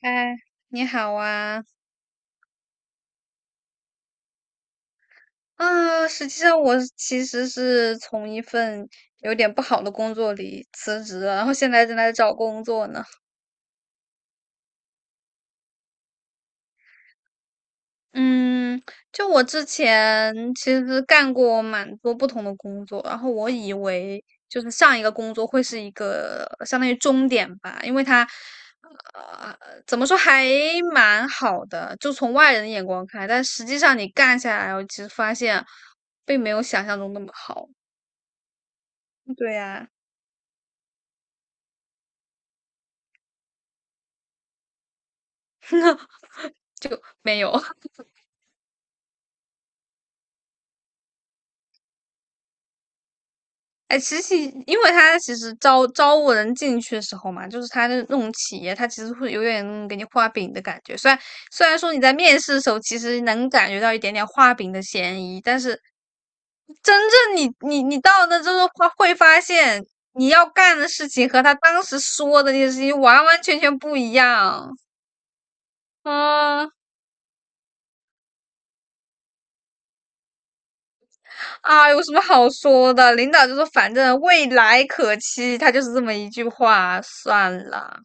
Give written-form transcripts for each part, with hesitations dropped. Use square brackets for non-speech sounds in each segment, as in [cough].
嗨，你好啊！啊，实际上其实是从一份有点不好的工作里辞职了，然后现在正在找工作呢。嗯，就我之前其实干过蛮多不同的工作，然后我以为就是上一个工作会是一个相当于终点吧，因为它呃怎么说还蛮好的，就从外人的眼光看但实际上你干下来，我其实发现并没有想象中那么好。对呀、[laughs] 就没有。[laughs] 哎，其实因为他其实招募人进去的时候嘛，就是他的那种企业，他其实会有点那种给你画饼的感觉。虽然说你在面试的时候，其实能感觉到一点点画饼的嫌疑，但是真正你到那之后会发现，你要干的事情和他当时说的那些事情完完全全不一样。啊。啊，有什么好说的？领导就说反正未来可期，他就是这么一句话，算了。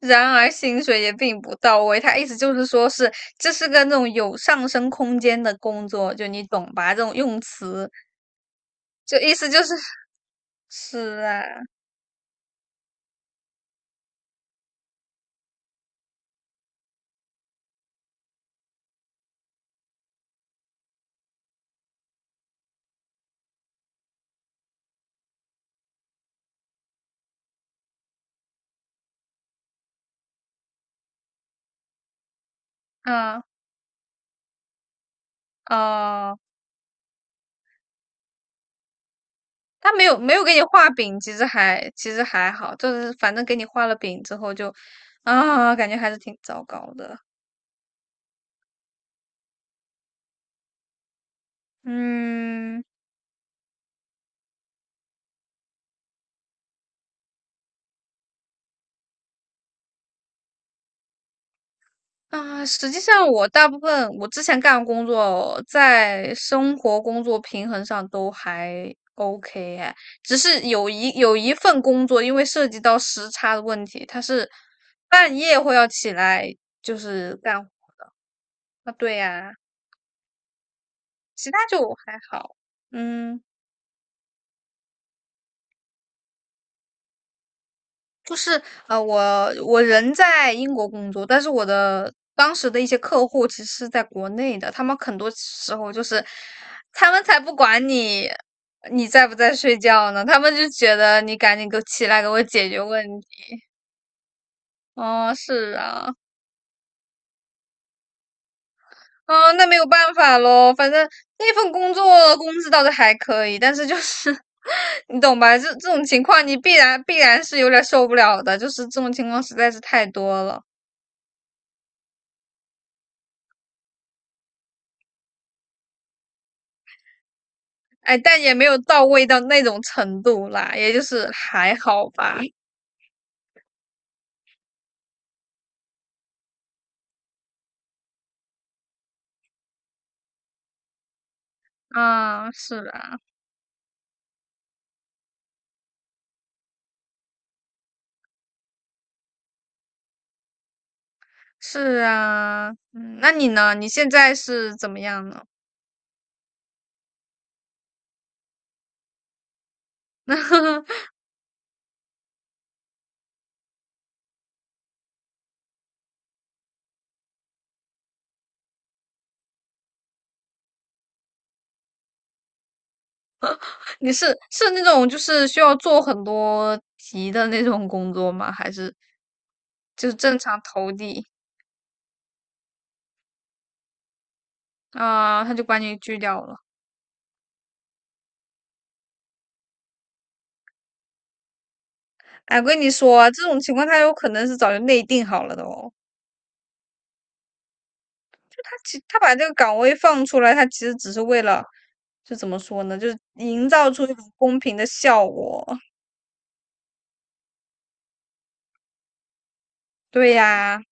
然而薪水也并不到位，他意思就是说是这是个那种有上升空间的工作，就你懂吧？这种用词，就意思就是是啊，啊哦，他没有给你画饼，其实还好，就是反正给你画了饼之后就啊，感觉还是挺糟糕的，嗯。啊，实际上我大部分我之前干的工作，在生活工作平衡上都还 OK 哎，只是有一份工作，因为涉及到时差的问题，它是半夜会要起来就是干活啊，对呀，其他就还好，嗯。就是我人在英国工作，但是我的当时的一些客户其实是在国内的，他们很多时候就是他们才不管你在不在睡觉呢，他们就觉得你赶紧给我起来给我解决问题。哦，是啊，哦，那没有办法咯，反正那份工作工资倒是还可以，但是就是 [laughs] 你懂吧？这种情况你必然是有点受不了的，就是这种情况实在是太多了。哎，但也没有到位到那种程度啦，也就是还好吧。啊，是啊，是啊，嗯，那你呢？你现在是怎么样呢？[laughs] 你是那种就是需要做很多题的那种工作吗？还是就是正常投递啊，他就把你拒掉了？哎，我跟你说啊，这种情况他有可能是早就内定好了的哦。他其他把这个岗位放出来，他其实只是为了就怎么说呢，就是营造出一种公平的效果。对呀，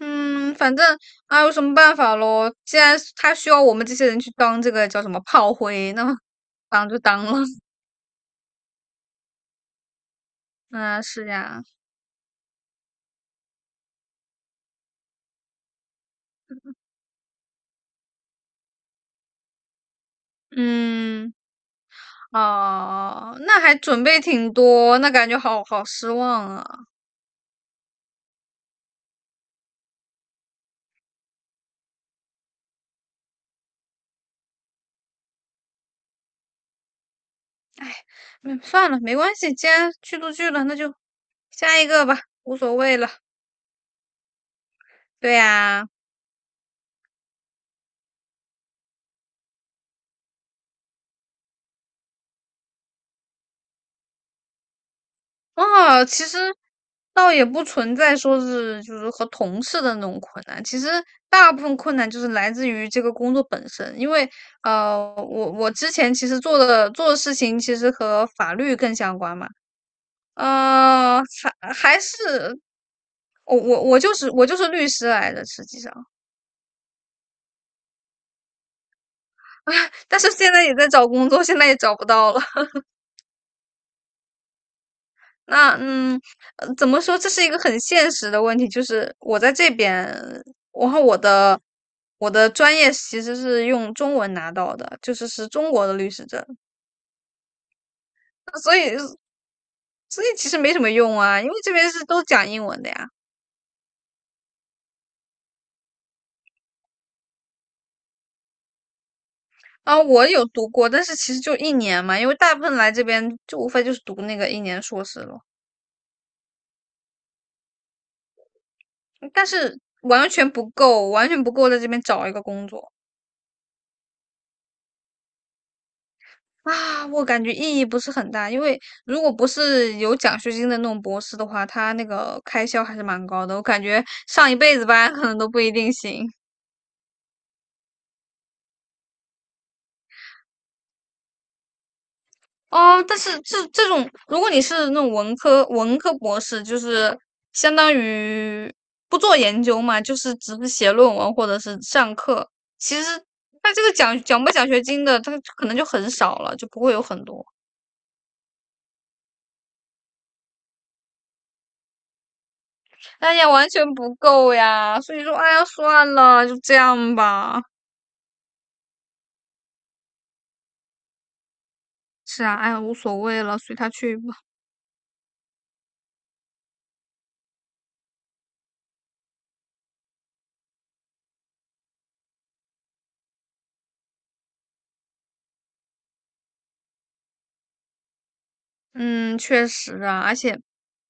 嗯，反正啊，有什么办法咯？既然是他需要我们这些人去当这个叫什么炮灰，那么当就当了。[laughs] 啊，是呀，嗯，哦，那还准备挺多，那感觉好好失望啊。哎，嗯，算了，没关系，既然去都去了，那就下一个吧，无所谓了。对呀。啊，其实倒也不存在说是就是和同事的那种困难，其实大部分困难就是来自于这个工作本身，因为我之前其实做的事情其实和法律更相关嘛，呃，还是我就是律师来的，实际上，但是现在也在找工作，现在也找不到了。那嗯，怎么说？这是一个很现实的问题，就是我在这边，然后我的专业其实是用中文拿到的，就是是中国的律师证，所以所以其实没什么用啊，因为这边是都讲英文的呀。啊，我有读过，但是其实就一年嘛，因为大部分来这边就无非就是读那个一年硕士了，但是完全不够，完全不够在这边找一个工作。啊，我感觉意义不是很大，因为如果不是有奖学金的那种博士的话，他那个开销还是蛮高的。我感觉上一辈子班可能都不一定行哦。但是这种，如果你是那种文科博士，就是相当于不做研究嘛，就是只是写论文或者是上课。其实他这个奖不奖学金的，他可能就很少了，就不会有很多。哎呀，完全不够呀！所以说，哎呀，算了，就这样吧。是啊，哎呀，无所谓了，随他去吧。嗯，确实啊，而且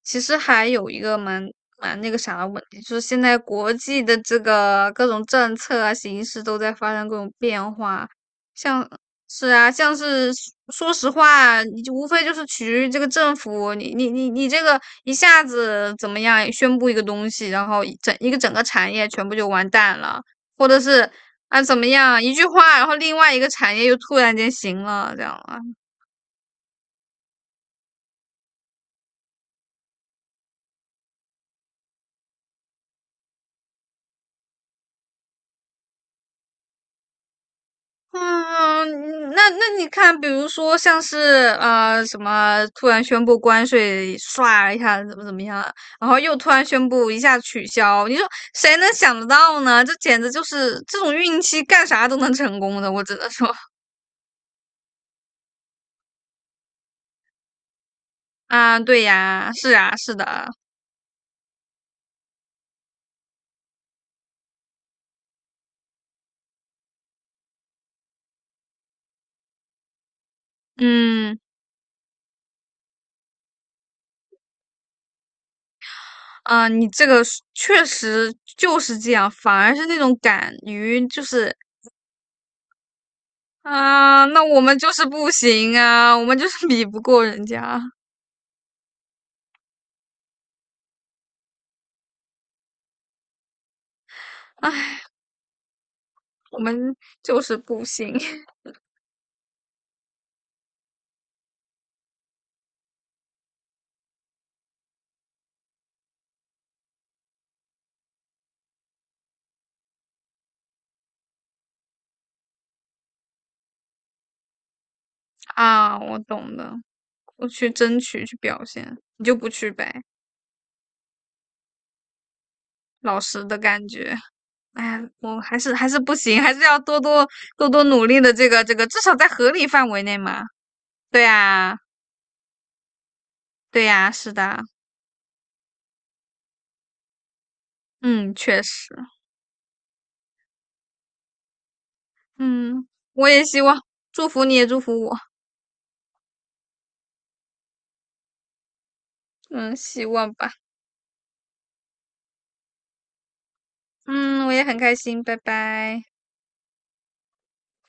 其实还有一个蛮那个啥的问题，就是现在国际的这个各种政策啊、形势都在发生各种变化，像像是说实话，你就无非就是取决于这个政府，你这个一下子怎么样宣布一个东西，然后一整一个整个产业全部就完蛋了，或者是啊怎么样一句话，然后另外一个产业又突然间行了，这样啊。嗯，嗯，那你看，比如说像是什么突然宣布关税，唰一下怎么怎么样，然后又突然宣布一下取消，你说谁能想得到呢？这简直就是这种运气，干啥都能成功的，我只能说 [laughs] 啊，对呀，是啊，是的，嗯你这个是确实就是这样，反而是那种敢于就是啊，那我们就是不行啊，我们就是比不过人家。我们就是不行 [laughs] 啊！我懂的，我去争取去表现，你就不去呗，老实的感觉。哎呀，我还是不行，还是要多多努力的。至少在合理范围内嘛。对呀，对呀，是的，嗯，确实，嗯，我也希望，祝福你也祝福我，嗯，希望吧，嗯，我也很开心，拜拜。